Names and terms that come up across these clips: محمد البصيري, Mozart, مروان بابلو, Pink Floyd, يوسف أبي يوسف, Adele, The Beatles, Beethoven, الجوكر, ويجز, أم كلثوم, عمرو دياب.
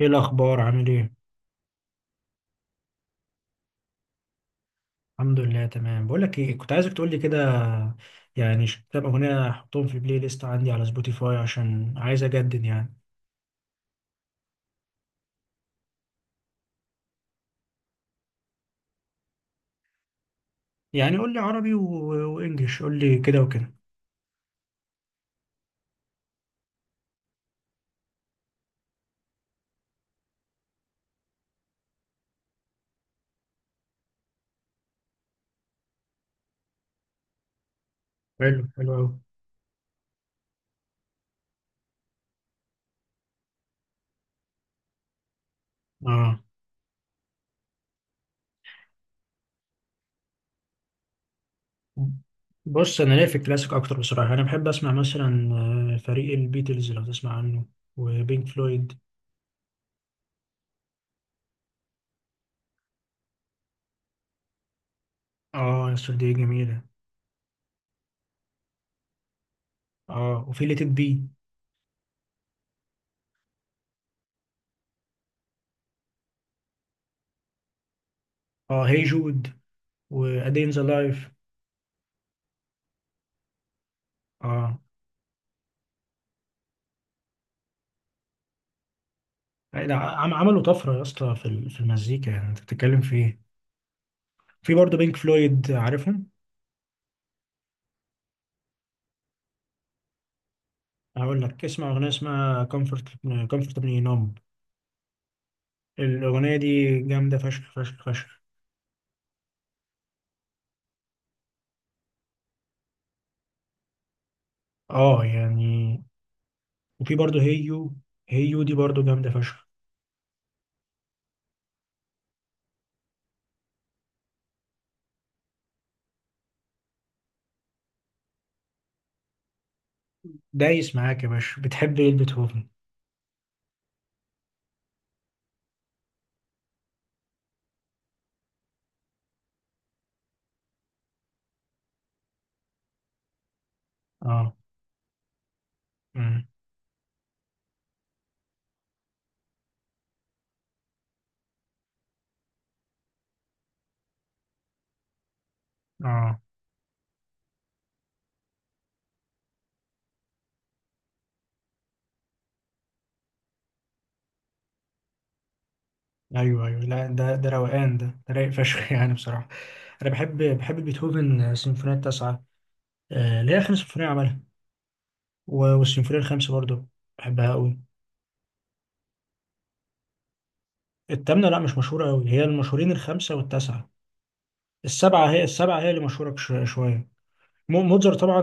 ايه الاخبار؟ عامل ايه؟ الحمد لله، تمام. بقول لك ايه، كنت عايزك تقول لي كده. يعني كام اغنيه احطهم في بلاي ليست عندي على سبوتيفاي، عشان عايز اجدد يعني. يعني قول لي عربي وانجليش، قول لي كده وكده. حلو، حلو قوي. اه، بص، انا ليا في الكلاسيك اكتر بصراحه. انا بحب اسمع مثلا فريق البيتلز لو تسمع عنه، وبينك فلويد. اه يا أسطى، دي جميله. اه، وفي ليت بي. اه، هي جود، وادين ذا لايف. اه، لا، عملوا طفرة يا اسطى في في المزيكا، يعني انت بتتكلم في ايه؟ في برضه بينك فلويد، عارفهم؟ هقول لك اسمع اغنية اسمها كومفورتبلي نوم. الاغنية دي جامدة فشخ فشخ فشخ. اه يعني. وفي برضه هيو، هيو دي برضه جامدة فشخ. دايس معاك يا باشا، بتحب ايه بيتهوفن؟ اه. امم. اه. ايوه، ايوه، لا، ده روقان، ده رايق فشخ يعني بصراحة. انا بحب، بيتهوفن سيمفونية التاسعة، اللي هي اخر سيمفونية عملها، والسيمفونية الخامسة برضو. بحبها قوي. التامنة لا، مش مشهورة قوي، هي المشهورين الخمسة والتاسعة. السبعة هي السبعة، هي اللي مشهورة شوية. موتزارت طبعا.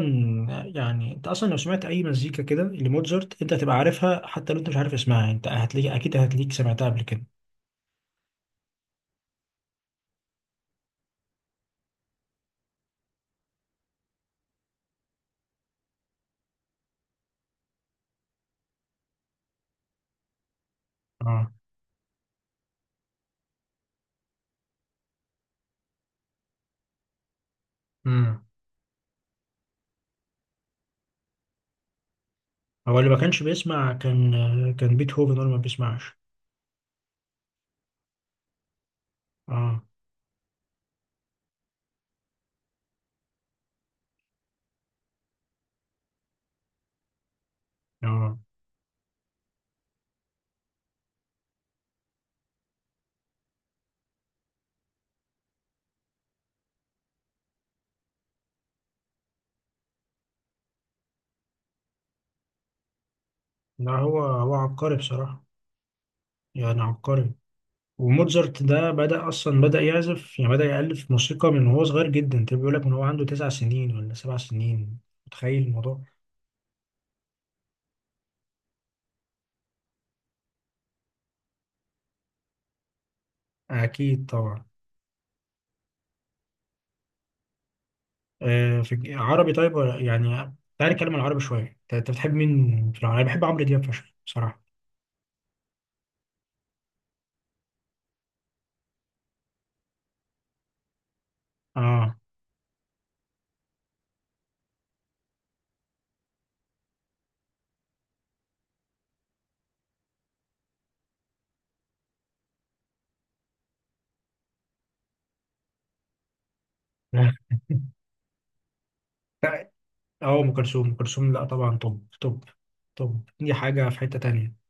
يعني انت اصلا لو سمعت اي مزيكا كده لموتزارت، انت هتبقى عارفها حتى لو انت مش عارف اسمها. انت هتلاقي، اكيد هتلاقيك سمعتها قبل كده. اه. امم. هو اللي ما كانش بيسمع، كان بيتهوفن هو اللي ما بيسمعش. اه. اه. لا، هو هو عبقري بصراحة، يعني عبقري. وموتزارت ده بدأ أصلا، بدأ يعزف، يعني بدأ يألف موسيقى من وهو صغير جدا، تبقى بيقول لك من هو عنده 9 سنين ولا 7 سنين، متخيل الموضوع؟ أكيد طبعا. آه، في عربي طيب ولا يعني. تعالى نتكلم عن العربي شوية. أنت بتحب مين في العربي؟ أنا بحب عمرو دياب فشخ بصراحة. آه اه، أم كلثوم، أم كلثوم، لا طبعا. طب، طب. طب دي حاجة في حتة تانية.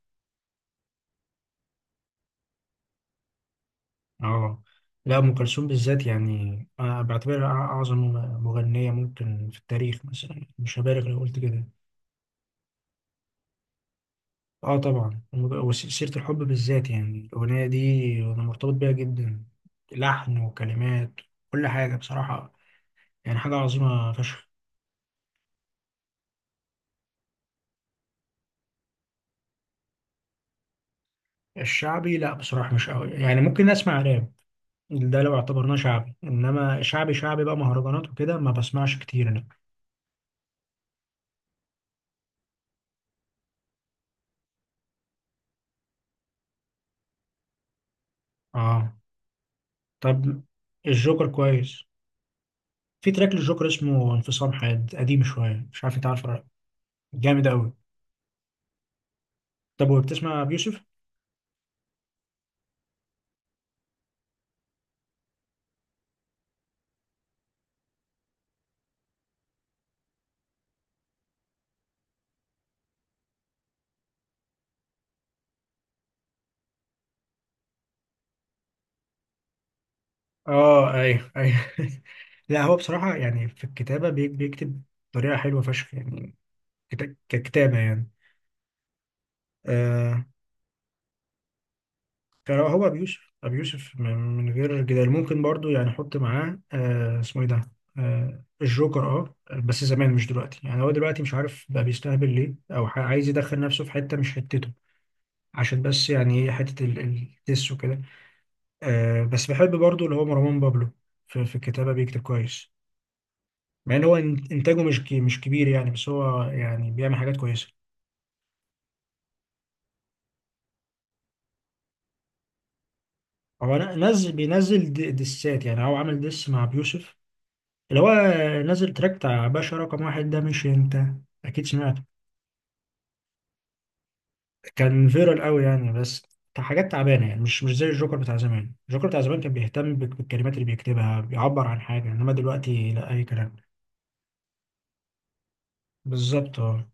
اه، لا، ام كلثوم بالذات يعني أنا بعتبرها اعظم مغنيه ممكن في التاريخ مثلا، مش هبالغ لو قلت كده. اه طبعا. وسيره الحب بالذات، يعني الاغنيه دي انا مرتبط بيها جدا. لحن وكلمات، كل حاجه بصراحه. يعني حاجه عظيمه فشخ. الشعبي لا، بصراحه مش قوي. يعني ممكن اسمع راب، ده لو اعتبرناه شعبي. انما شعبي شعبي بقى، مهرجانات وكده، ما بسمعش كتير انا. اه. طب الجوكر كويس. في تراك للجوكر اسمه انفصام حاد، قديم شوية، مش عارف انت عارفه ولا لأ. جامد قوي. طب، وبتسمع بيوسف؟ اه، ايوه، ايوه لا، هو بصراحة يعني في الكتابة بيكتب بطريقة حلوة فشخ يعني. ككتابة يعني. آه، كان هو أبي يوسف، أبي يوسف من غير جدال. ممكن برضو يعني أحط معاه، آه، اسمه إيه ده؟ آه، الجوكر، أه. بس زمان مش دلوقتي يعني، هو دلوقتي مش عارف بقى بيستهبل ليه، أو عايز يدخل نفسه في حتة مش حتته، عشان بس يعني إيه حتة الدس وكده. آه، بس بحب برضو اللي هو مروان بابلو، في الكتابة بيكتب كويس، مع ان هو انتاجه مش مش كبير يعني، بس هو يعني بيعمل حاجات كويسة. هو نزل، بينزل دسات. يعني هو عامل دس مع بيوسف، اللي هو نزل تراك بتاع باشا رقم واحد، ده مش انت اكيد سمعته؟ كان فيرال قوي يعني، بس كان حاجات تعبانة يعني، مش زي الجوكر بتاع زمان. الجوكر بتاع زمان كان بيهتم بالكلمات اللي بيكتبها، بيعبر عن حاجة. انما دلوقتي لا، اي كلام. بالظبط، اه.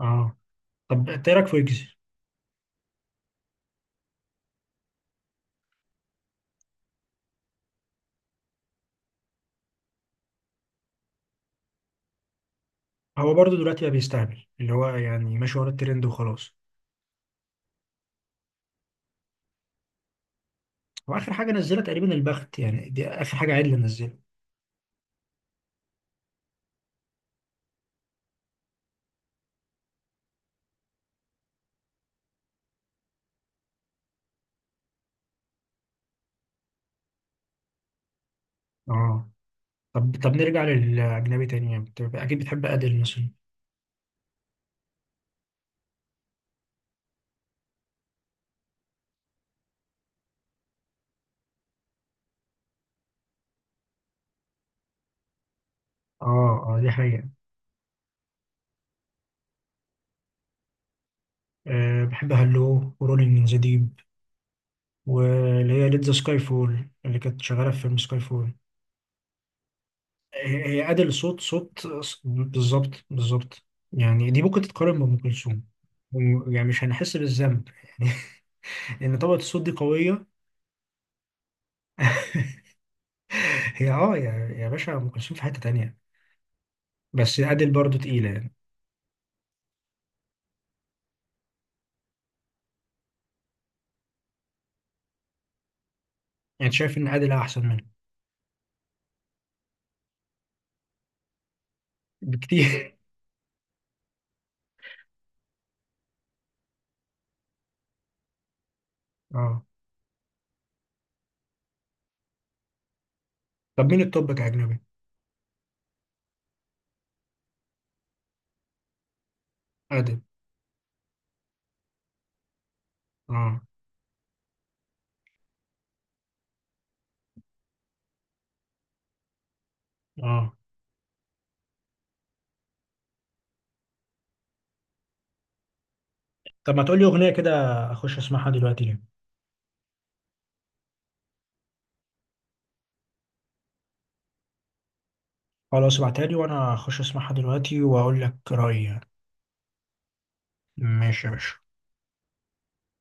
اه، طب إنت ايه رايك في ويجز؟ هو برضه دلوقتي بقى بيستعمل اللي هو يعني ماشي ورا الترند وخلاص. واخر حاجه نزلها تقريبا البخت، يعني دي اخر حاجه عادل نزلها. اه. طب طب، نرجع للاجنبي تاني، يعني أنت اكيد بتحب ادل مثلا. اه. اه دي حقيقه. أه، بحب هالو ورولينج ان ذا ديب، واللي هي ليت ذا سكاي فول اللي كانت شغاله في فيلم سكاي فول. هي هي ادل صوت، بالظبط، بالظبط. يعني دي ممكن تتقارن بام كلثوم، يعني مش هنحس بالذنب يعني لان طبقه الصوت دي قويه. هي اه يا يا باشا، ام كلثوم في حته تانية، بس عادل برضو تقيله يعني. يعني شايف ان عادل احسن منه بكتير اه. طب مين التوب كاجنبي؟ عادل. اه. اه طب، ما تقول لي اغنيه كده اخش اسمعها دلوقتي ليه؟ خلاص، ابعتها لي وانا اخش اسمعها دلوقتي واقول لك رايي يعني. ماشي يا باشا.